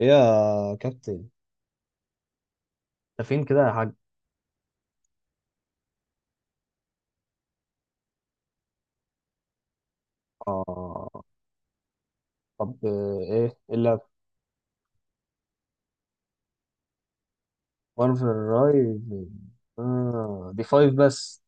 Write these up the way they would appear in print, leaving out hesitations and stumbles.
إيه يا كابتن؟ انت فين كده يا حاج؟ آه. طب، ايه الا وان رايف. آه دي فايف بس.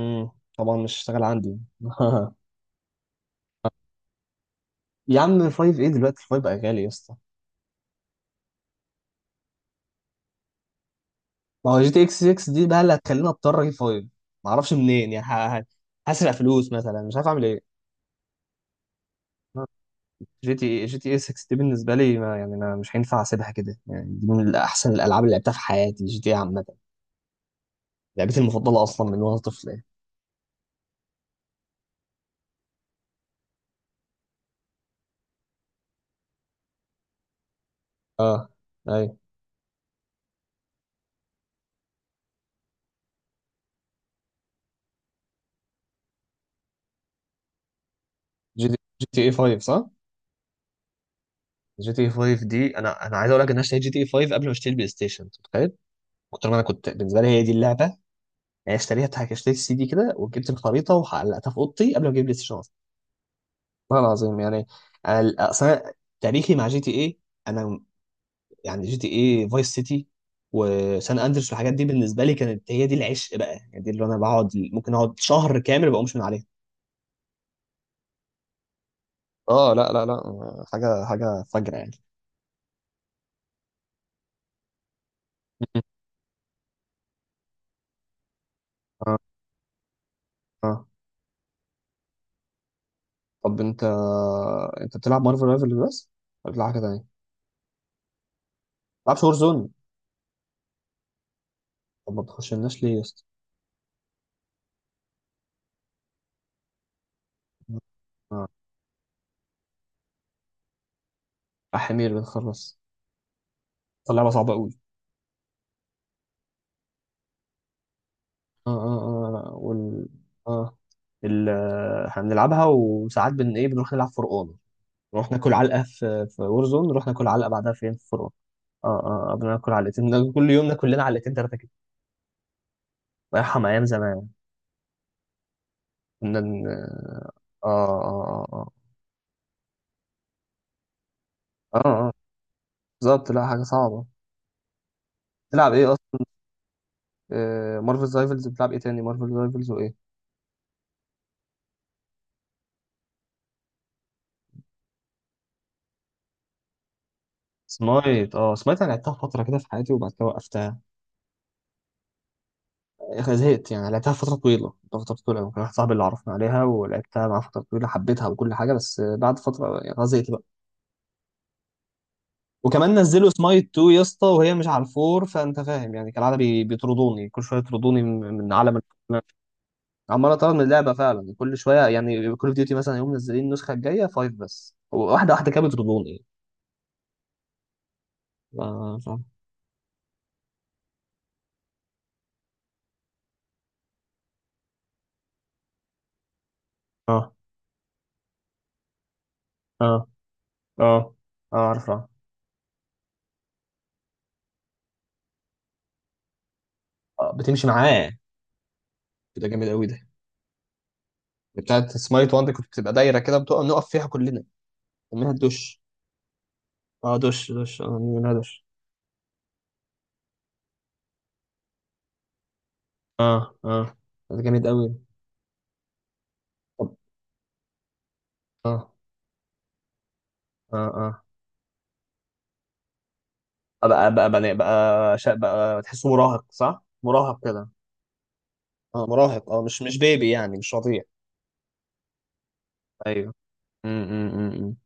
مم. طبعا مش هشتغل عندي يا عم فايف ايه دلوقتي؟ فايف بقى غالي يا اسطى. ما هو جي تي اكس 6 دي بقى اللي هتخليني اضطر اجيب فايف. معرفش منين يعني هسرق فلوس مثلا، مش عارف اعمل ايه. جي تي اي 6 دي بالنسبه لي، ما يعني انا مش هينفع اسيبها كده يعني، دي من احسن الالعاب اللي لعبتها في حياتي، جي تي اي عامه. لعبتي المفضله اصلا من وانا طفل يعني. اه، اي، جي تي اي 5 صح؟ جي تي اي 5 دي، انا عايز اقول لك ان انا اشتريت جي تي اي 5 قبل ما اشتري البلاي ستيشن، أنت متخيل؟ كنت، ما انا كنت بالنسبه لي هي دي اللعبه. يعني اشتريها اشتريت السي دي كده وجبت الخريطه وعلقتها في اوضتي قبل ما اجيب البلاي ستيشن اصلا. والله العظيم يعني. انا اصلا تاريخي مع جي تي اي، انا يعني جي تي اي فايس سيتي وسان اندرس والحاجات دي بالنسبه لي كانت هي دي العشق بقى يعني، دي اللي انا بقعد، ممكن اقعد شهر كامل ما بقومش من عليها. اه، لا لا لا، حاجه حاجه فجره يعني. اه، اه. طب انت بتلعب مارفل رايفل بس ولا بتلعب حاجه تانية؟ ما بتلعبش وور زون؟ طب ما بتخشلناش ليه يا اسطى؟ اه، حمير بنخلص. طب لعبه صعبه قوي. اه، اه، اه، لا، وال، اه، ال، احنا بنلعبها وساعات بن ايه، بنروح نلعب فرقان. نروح ناكل علقه في وور زون، نروح ناكل علقه بعدها فين؟ في فرقان. اه، اه، بناكل علقتين، كل يوم ناكل لنا علقتين ثلاثه كده. الله يرحم ايام زمان. كنا ن-، اه، اه، اه، اه، اه، بالظبط، لا حاجه صعبه. تلعب ايه؟ مارفل رايفلز؟ بتلعب ايه تاني؟ مارفل رايفلز وايه؟ سمايت؟ اه سمايت، انا لعبتها فتره كده في حياتي وبعد كده وقفتها. يا أخي زهقت يعني، لعبتها فتره طويله، فتره طويله أوي. كان واحد صاحبي اللي عرفنا عليها، ولعبتها معاه فتره طويله، حبيتها وكل حاجه، بس بعد فتره يعني خلاص زهقت بقى. وكمان نزلوا سمايت 2 يا اسطى وهي مش على الفور، فانت فاهم يعني كالعاده، بيطردوني كل شويه، يطردوني من من عالم ال-، عمال اطرد من اللعبه فعلا كل شويه يعني، كل اوف ديوتي مثلا يوم منزلين النسخه الجايه فايف بس، واحده واحده كده بيطردوني. ف- ف- اه، اه، اه، اه، عارفها. آه، بتمشي معاه؟ ده جامد قوي ده. بتاعت سمايت وان دي كنت بتبقى دايره كده بتقع، نقف فيها كلنا، منها الدش. اه، دش دش، اه، منها دش. اه، اه، ده جامد قوي. طب، اه، اه، اه، بقى تحسه مراهق صح؟ مراهق كده. اه، مراهق، اه، مش بيبي يعني، مش رضيع. ايوه. امم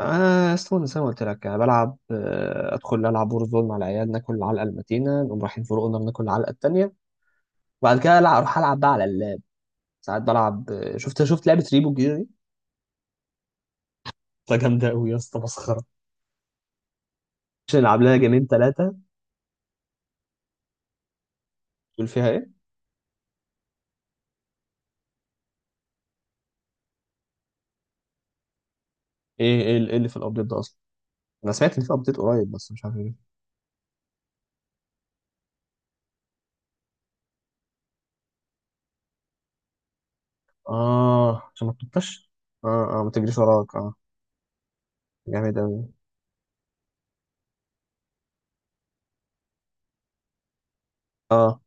انا اصلا زي ما قلت لك انا بلعب، ادخل العب ورزون مع العيال ناكل العلقه المتينه، نقوم رايحين في رقنا بناكل العلقه التانيه. وبعد كده العب، اروح العب بقى على اللاب. ساعات بلعب. شفت لعبه ريبو جير دي؟ ده جامده قوي يا اسطى، مسخره. مش نلعب لها جيمين ثلاثه. تقول فيها ايه؟ ايه ايه اللي إيه اللي في الابديت ده اصلا؟ انا سمعت ان في ابديت قريب بس مش عارف ايه. اه، عشان ما تنطش. اه، اه، ما تجريش وراك، اه. جامد قوي. اه،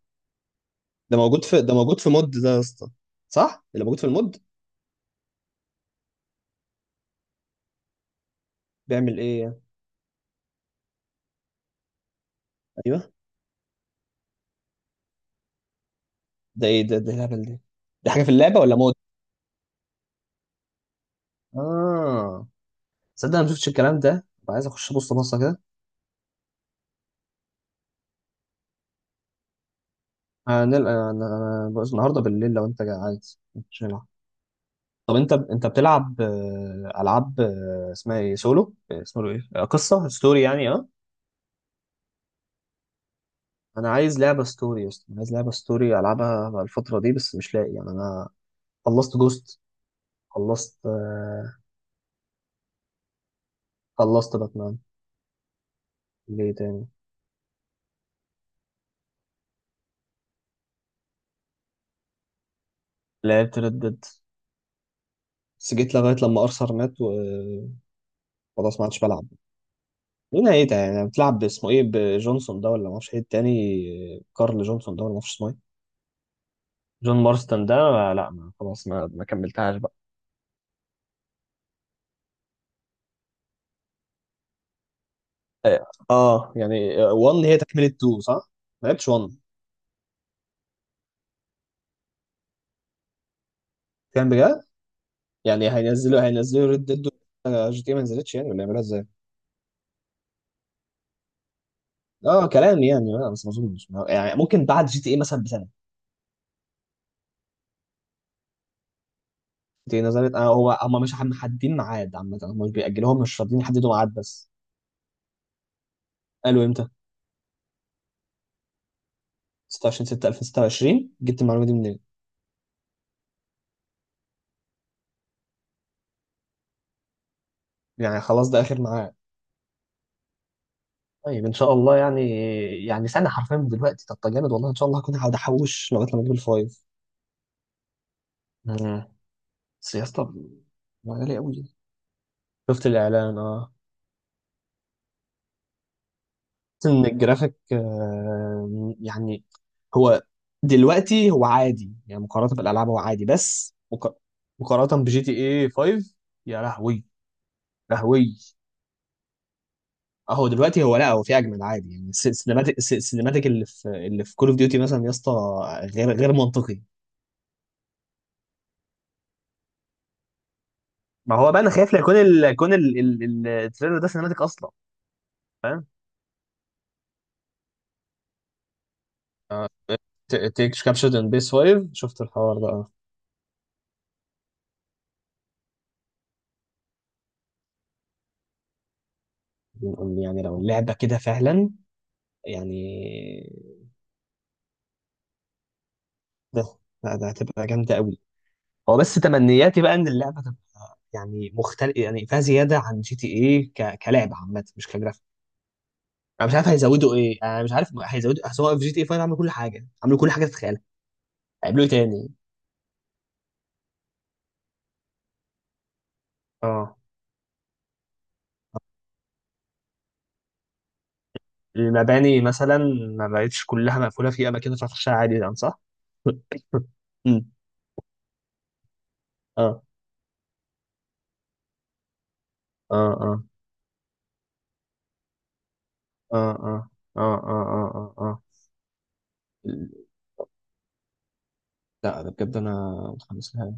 ده موجود في مود ده يا اسطى؟ صح؟ اللي موجود في المود؟ بيعمل ايه يعني؟ ايوه. ده ايه ده اللعبه دي؟ دي حاجه في اللعبه ولا مود؟ اه، تصدق انا ما شفتش الكلام ده، بقى عايز اخش ابص بصه كده. هنلقى. أنا بص النهاردة بالليل لو أنت عايز. مش هنلعب؟ طب أنت بتلعب، ألعاب، اسمها إيه سولو، اسمه إيه، قصة ستوري يعني، أنا عايز لعبة ستوري يا اسطى، أنا عايز لعبة ستوري ألعبها بقى الفترة دي بس مش لاقي يعني. أنا خلصت جوست. خلصت، خلصت باتمان. ليه تاني؟ لعبت ريد ديد بس جيت لغاية لما أرثر مات وخلاص، ما عادش بلعب. ليه نهايتها يعني بتلعب باسمه إيه، بجونسون ده ولا ما أعرفش إيه التاني، كارل جونسون ده، ولا ما أعرفش اسمه إيه، جون مارستون ده، لا ما خلاص ما كملتهاش بقى. اه، يعني 1 هي تكملة 2 صح؟ ما لعبتش 1. كان بجد؟ يعني هينزلوا ريد ديد؟ جي تي إيه ما نزلتش يعني، ولا يعملوها ازاي؟ اه، كلام يعني، لا بس ما اظنش يعني، ممكن بعد جي تي اي مثلا بسنة. جي تي اي نزلت، آه، هو هم مش محددين ميعاد عامة، هم مش بيأجلوهم، مش راضيين يحددوا ميعاد بس. قالوا امتى؟ 26 6 2026. جبت المعلومة دي منين؟ يعني خلاص ده آخر ميعاد. طيب ان شاء الله يعني. يعني سنه حرفيا من دلوقتي، طب ده جامد والله. ان شاء الله هكون، هقعد احوش لغايه لما اجيب الفايف. امم، بس يا اسطى، غالي قوي. شفت الاعلان، اه. شفت ان الجرافيك، يعني هو دلوقتي هو عادي يعني مقارنه بالالعاب هو عادي، بس مقارنه بجي تي اي 5، يا لهوي، لهوي. اهو دلوقتي هو، لا هو في اجمل عادي يعني، السينماتيك اللي في كول اوف ديوتي مثلا يا اسطى، غير، غير منطقي. ما هو بقى انا خايف لا التريلر ده سينماتيك اصلا. فاهم، آه، تيك كابشرد ان بيس 5، شفت الحوار ده. آه. بنقول يعني لو اللعبه كده فعلا يعني. ده، لا ده هتبقى جامده قوي. هو بس تمنياتي بقى ان اللعبه تبقى يعني مختلف يعني، فيها زياده عن جي تي ايه، كلعبه عامه مش كجرافيك. انا مش عارف هيزودوا ايه، انا مش عارف هيزودوا، اصل هو في جي تي ايه 5 عملوا كل حاجه، عملوا كل حاجه تتخيلها. هيعملوا ايه تاني؟ اه، المباني مثلا ما بقتش كلها مقفولة؟ في أماكن ينفع تخشها عادي يعني، صح؟ مم. اه، اه، اه، اه، اه، اه، اه، اه، اه، اه. لا ده بجد انا متحمس لها.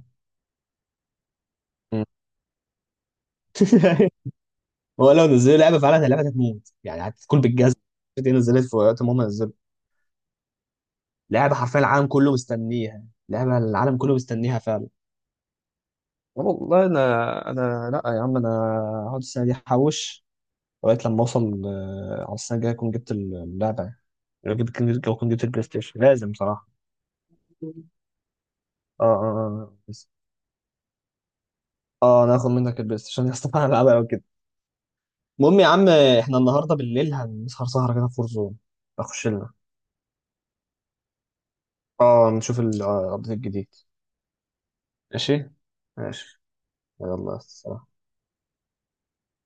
مم. هو لو نزلوا لعبه فعلا، اللعبه دي هتموت يعني، هتكون بالجزم. دي نزلت في وقت ما هم نزلوا لعبه حرفيا العالم كله مستنيها، لعبه العالم كله مستنيها فعلا. والله انا لا يا عم، انا هقعد السنه دي احوش لغايه لما اوصل، على السنه الجايه اكون جبت اللعبه يعني. لو جبت، لو كنت جبت البلاي ستيشن لازم صراحه. اه، اه، اه، بس اه، انا هاخد منك البلاي ستيشن يا اسطى انا هلعبها لو كده. المهم يا عم احنا النهارده بالليل هنسهر سهره كده في فورزون، اخش لنا. اه نشوف الابديت الجديد. ماشي. ماشي. يلا السلام.